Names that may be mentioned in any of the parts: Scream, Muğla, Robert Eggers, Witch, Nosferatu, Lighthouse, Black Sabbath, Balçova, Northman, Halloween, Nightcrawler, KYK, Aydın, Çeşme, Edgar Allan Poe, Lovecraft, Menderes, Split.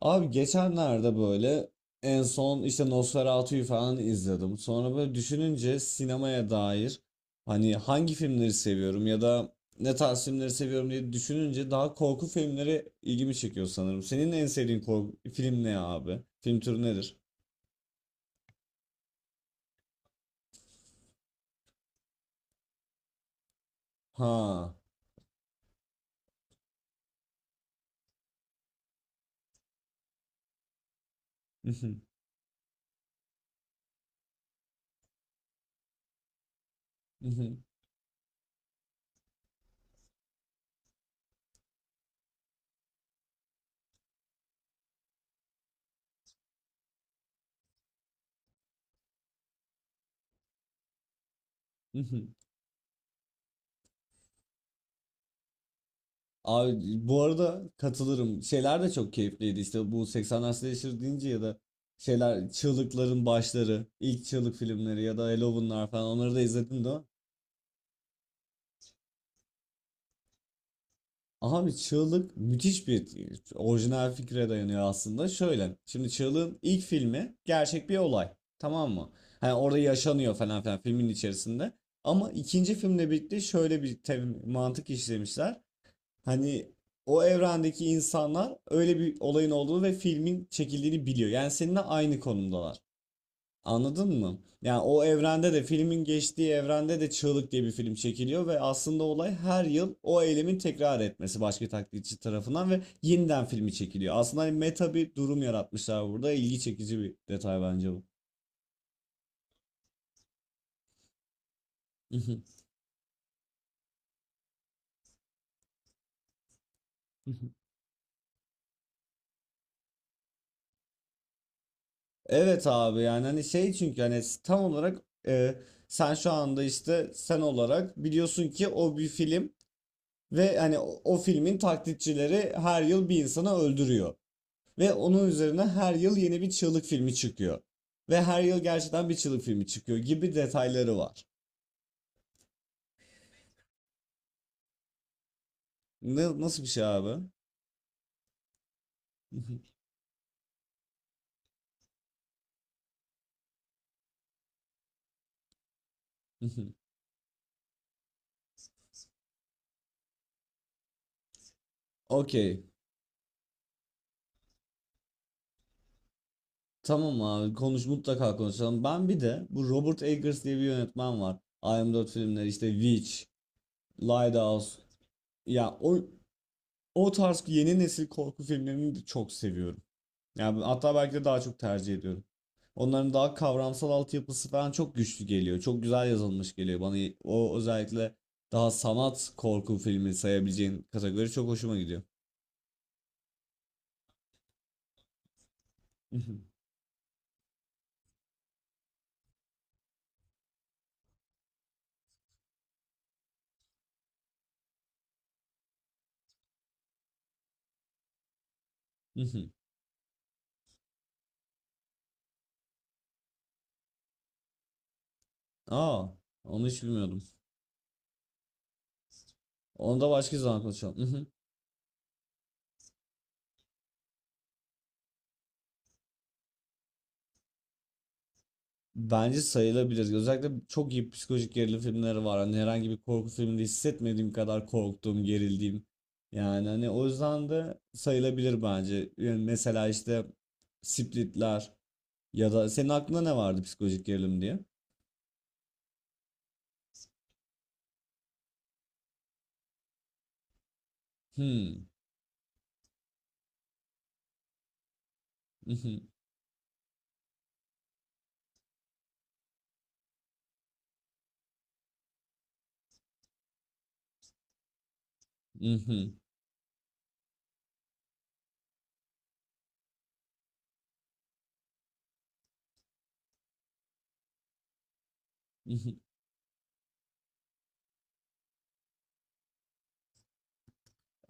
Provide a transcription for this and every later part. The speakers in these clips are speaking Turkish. Abi geçenlerde böyle en son işte Nosferatu'yu falan izledim. Sonra böyle düşününce sinemaya dair hani hangi filmleri seviyorum ya da ne tarz filmleri seviyorum diye düşününce daha korku filmleri ilgimi çekiyor sanırım. Senin en sevdiğin korku film ne abi? Film türü nedir? Ha. Abi bu arada katılırım. Şeyler de çok keyifliydi. İşte bu 80'ler slasher deyince ya da şeyler çığlıkların başları, ilk çığlık filmleri ya da Halloween'lar falan onları da izledim de. Abi çığlık müthiş bir orijinal fikre dayanıyor aslında. Şöyle. Şimdi çığlığın ilk filmi gerçek bir olay. Tamam mı? Hani orada yaşanıyor falan filan filmin içerisinde. Ama ikinci filmle birlikte şöyle bir mantık işlemişler. Hani o evrendeki insanlar öyle bir olayın olduğunu ve filmin çekildiğini biliyor. Yani seninle aynı konumdalar. Anladın mı? Yani o evrende de filmin geçtiği evrende de Çığlık diye bir film çekiliyor ve aslında olay her yıl o eylemin tekrar etmesi başka taklitçi tarafından ve yeniden filmi çekiliyor. Aslında hani meta bir durum yaratmışlar burada. İlgi çekici bir detay bence bu. Evet abi yani hani şey çünkü hani tam olarak e, sen şu anda işte sen olarak biliyorsun ki o bir film. Ve hani o filmin taklitçileri her yıl bir insanı öldürüyor. Ve onun üzerine her yıl yeni bir çığlık filmi çıkıyor. Ve her yıl gerçekten bir çığlık filmi çıkıyor gibi detayları var. Ne, nasıl bir şey abi? Okey. Tamam abi konuş mutlaka konuşalım. Ben bir de bu Robert Eggers diye bir yönetmen var. I Am 4 filmleri işte Witch, Lighthouse. Ya o tarz yeni nesil korku filmlerini de çok seviyorum. Yani hatta belki de daha çok tercih ediyorum. Onların daha kavramsal altyapısı falan çok güçlü geliyor. Çok güzel yazılmış geliyor bana. O özellikle daha sanat korku filmi sayabileceğin kategori çok hoşuma gidiyor. Aa, onu hiç bilmiyordum. Onu da başka zaman konuşalım. Bence sayılabilir. Özellikle çok iyi psikolojik gerilim filmleri var. Hani herhangi bir korku filminde hissetmediğim kadar korktuğum, gerildiğim. Yani hani o yüzden de sayılabilir bence. Yani mesela işte Splitler. Ya da senin aklında ne vardı psikolojik gerilim diye? Hmm. Mhm, mhm, mhm.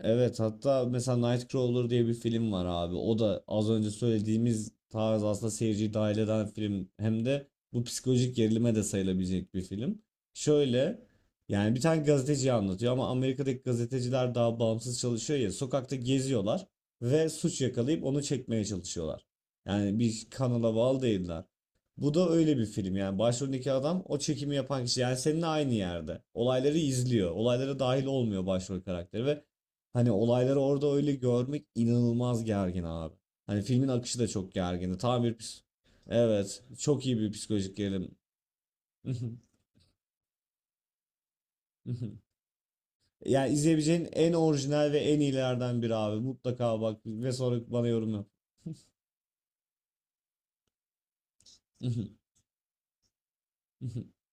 Evet hatta mesela Nightcrawler diye bir film var abi. O da az önce söylediğimiz tarz aslında seyirciyi dahil eden film. Hem de bu psikolojik gerilime de sayılabilecek bir film. Şöyle yani bir tane gazeteciyi anlatıyor ama Amerika'daki gazeteciler daha bağımsız çalışıyor ya. Sokakta geziyorlar ve suç yakalayıp onu çekmeye çalışıyorlar. Yani bir kanala bağlı değiller. Bu da öyle bir film yani başroldeki adam o çekimi yapan kişi yani seninle aynı yerde. Olayları izliyor. Olaylara dahil olmuyor başrol karakteri ve hani olayları orada öyle görmek inanılmaz gergin abi. Hani filmin akışı da çok gergindi. Tam bir pis- Evet, çok iyi bir psikolojik gerilim. Yani izleyebileceğin en orijinal ve en iyilerden biri abi. Mutlaka bak ve sonra bana yorum yap.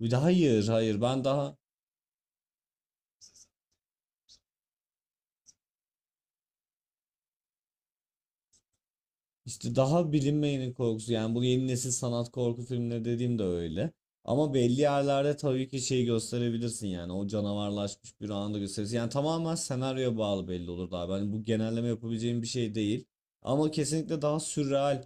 Bir de hayır, hayır. Ben daha İşte daha bilinmeyenin korkusu yani bu yeni nesil sanat korku filmleri dediğim de öyle. Ama belli yerlerde tabii ki şeyi gösterebilirsin yani o canavarlaşmış bir anda da gösterirsin. Yani tamamen senaryoya bağlı belli olur abi. Hani bu genelleme yapabileceğim bir şey değil. Ama kesinlikle daha sürreal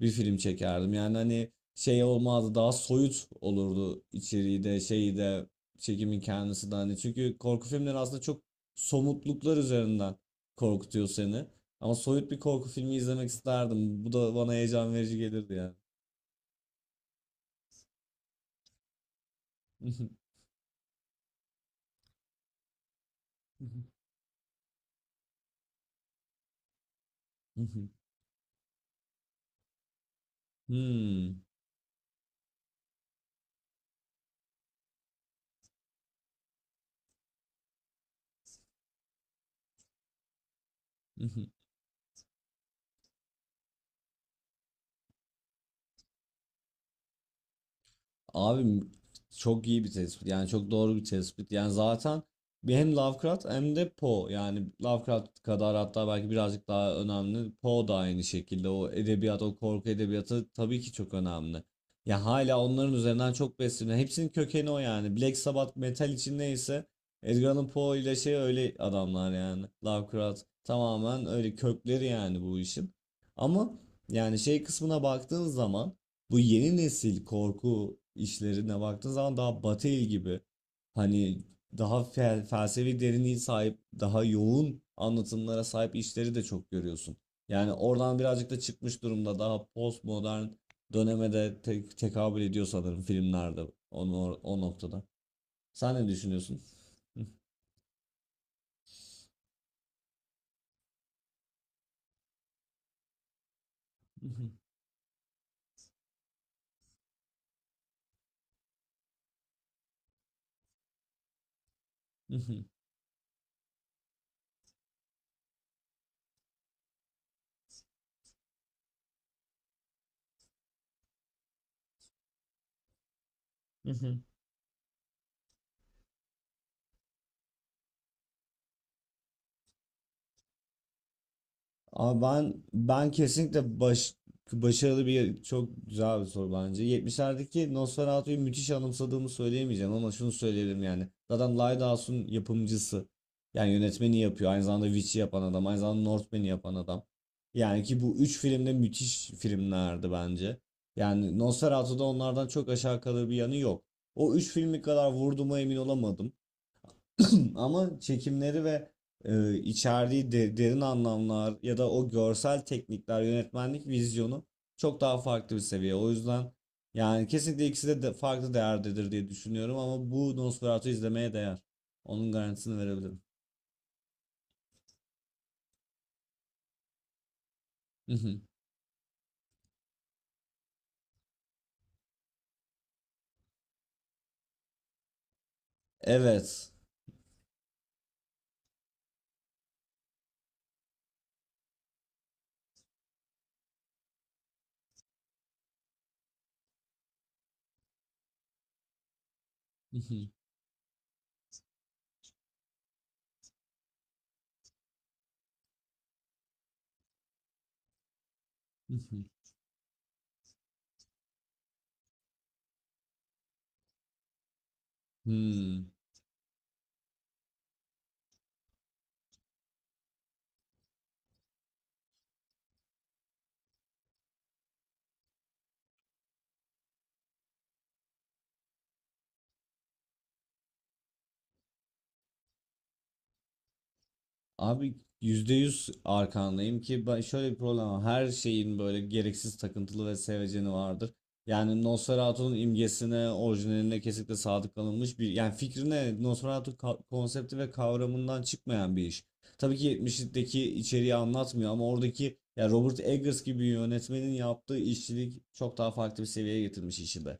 bir film çekerdim. Yani hani şey olmazdı daha soyut olurdu içeriği de şeyi de çekimin kendisi de hani. Çünkü korku filmleri aslında çok somutluklar üzerinden korkutuyor seni. Ama soyut bir korku filmi izlemek isterdim. Bu da bana heyecan verici gelirdi yani. Hmm. Abi çok iyi bir tespit. Yani çok doğru bir tespit. Yani zaten bir hem Lovecraft hem de Poe. Yani Lovecraft kadar hatta belki birazcık daha önemli. Poe da aynı şekilde. O edebiyat, o korku edebiyatı tabii ki çok önemli. Ya hala onların üzerinden çok besleniyor. Hepsinin kökeni o yani. Black Sabbath metal için neyse Edgar Allan Poe ile şey öyle adamlar yani. Lovecraft tamamen öyle kökleri yani bu işin. Ama yani şey kısmına baktığın zaman bu yeni nesil korku işlerine baktığın zaman daha Batı el gibi hani daha felsefi derinliği sahip daha yoğun anlatımlara sahip işleri de çok görüyorsun. Yani oradan birazcık da çıkmış durumda daha postmodern döneme de tekabül ediyor sanırım filmlerde onu o noktada. Sen ne düşünüyorsun? Ama ben kesinlikle başarılı bir çok güzel bir soru bence. 70'lerdeki Nosferatu'yu müthiş anımsadığımı söyleyemeyeceğim ama şunu söyleyebilirim yani. Zaten Lighthouse'un yapımcısı. Yani yönetmeni yapıyor. Aynı zamanda Witch'i yapan adam. Aynı zamanda Northman'i yapan adam. Yani ki bu üç filmde müthiş filmlerdi bence. Yani Nosferatu'da onlardan çok aşağı kalır bir yanı yok. O üç filmi kadar vurduğuma emin olamadım. Ama çekimleri ve içeriği derin anlamlar ya da o görsel teknikler, yönetmenlik vizyonu çok daha farklı bir seviye. O yüzden yani kesinlikle ikisi de farklı değerdedir diye düşünüyorum ama bu Nosferatu izlemeye değer. Onun garantisini verebilirim. Evet. Hmm. Abi %100 arkandayım ki ben şöyle bir problem var. Her şeyin böyle gereksiz takıntılı ve seveceni vardır. Yani Nosferatu'nun imgesine, orijinaline kesinlikle sadık kalınmış bir yani fikrine Nosferatu konsepti ve kavramından çıkmayan bir iş. Tabii ki 70'deki içeriği anlatmıyor ama oradaki ya Robert Eggers gibi yönetmenin yaptığı işçilik çok daha farklı bir seviyeye getirmiş işi de.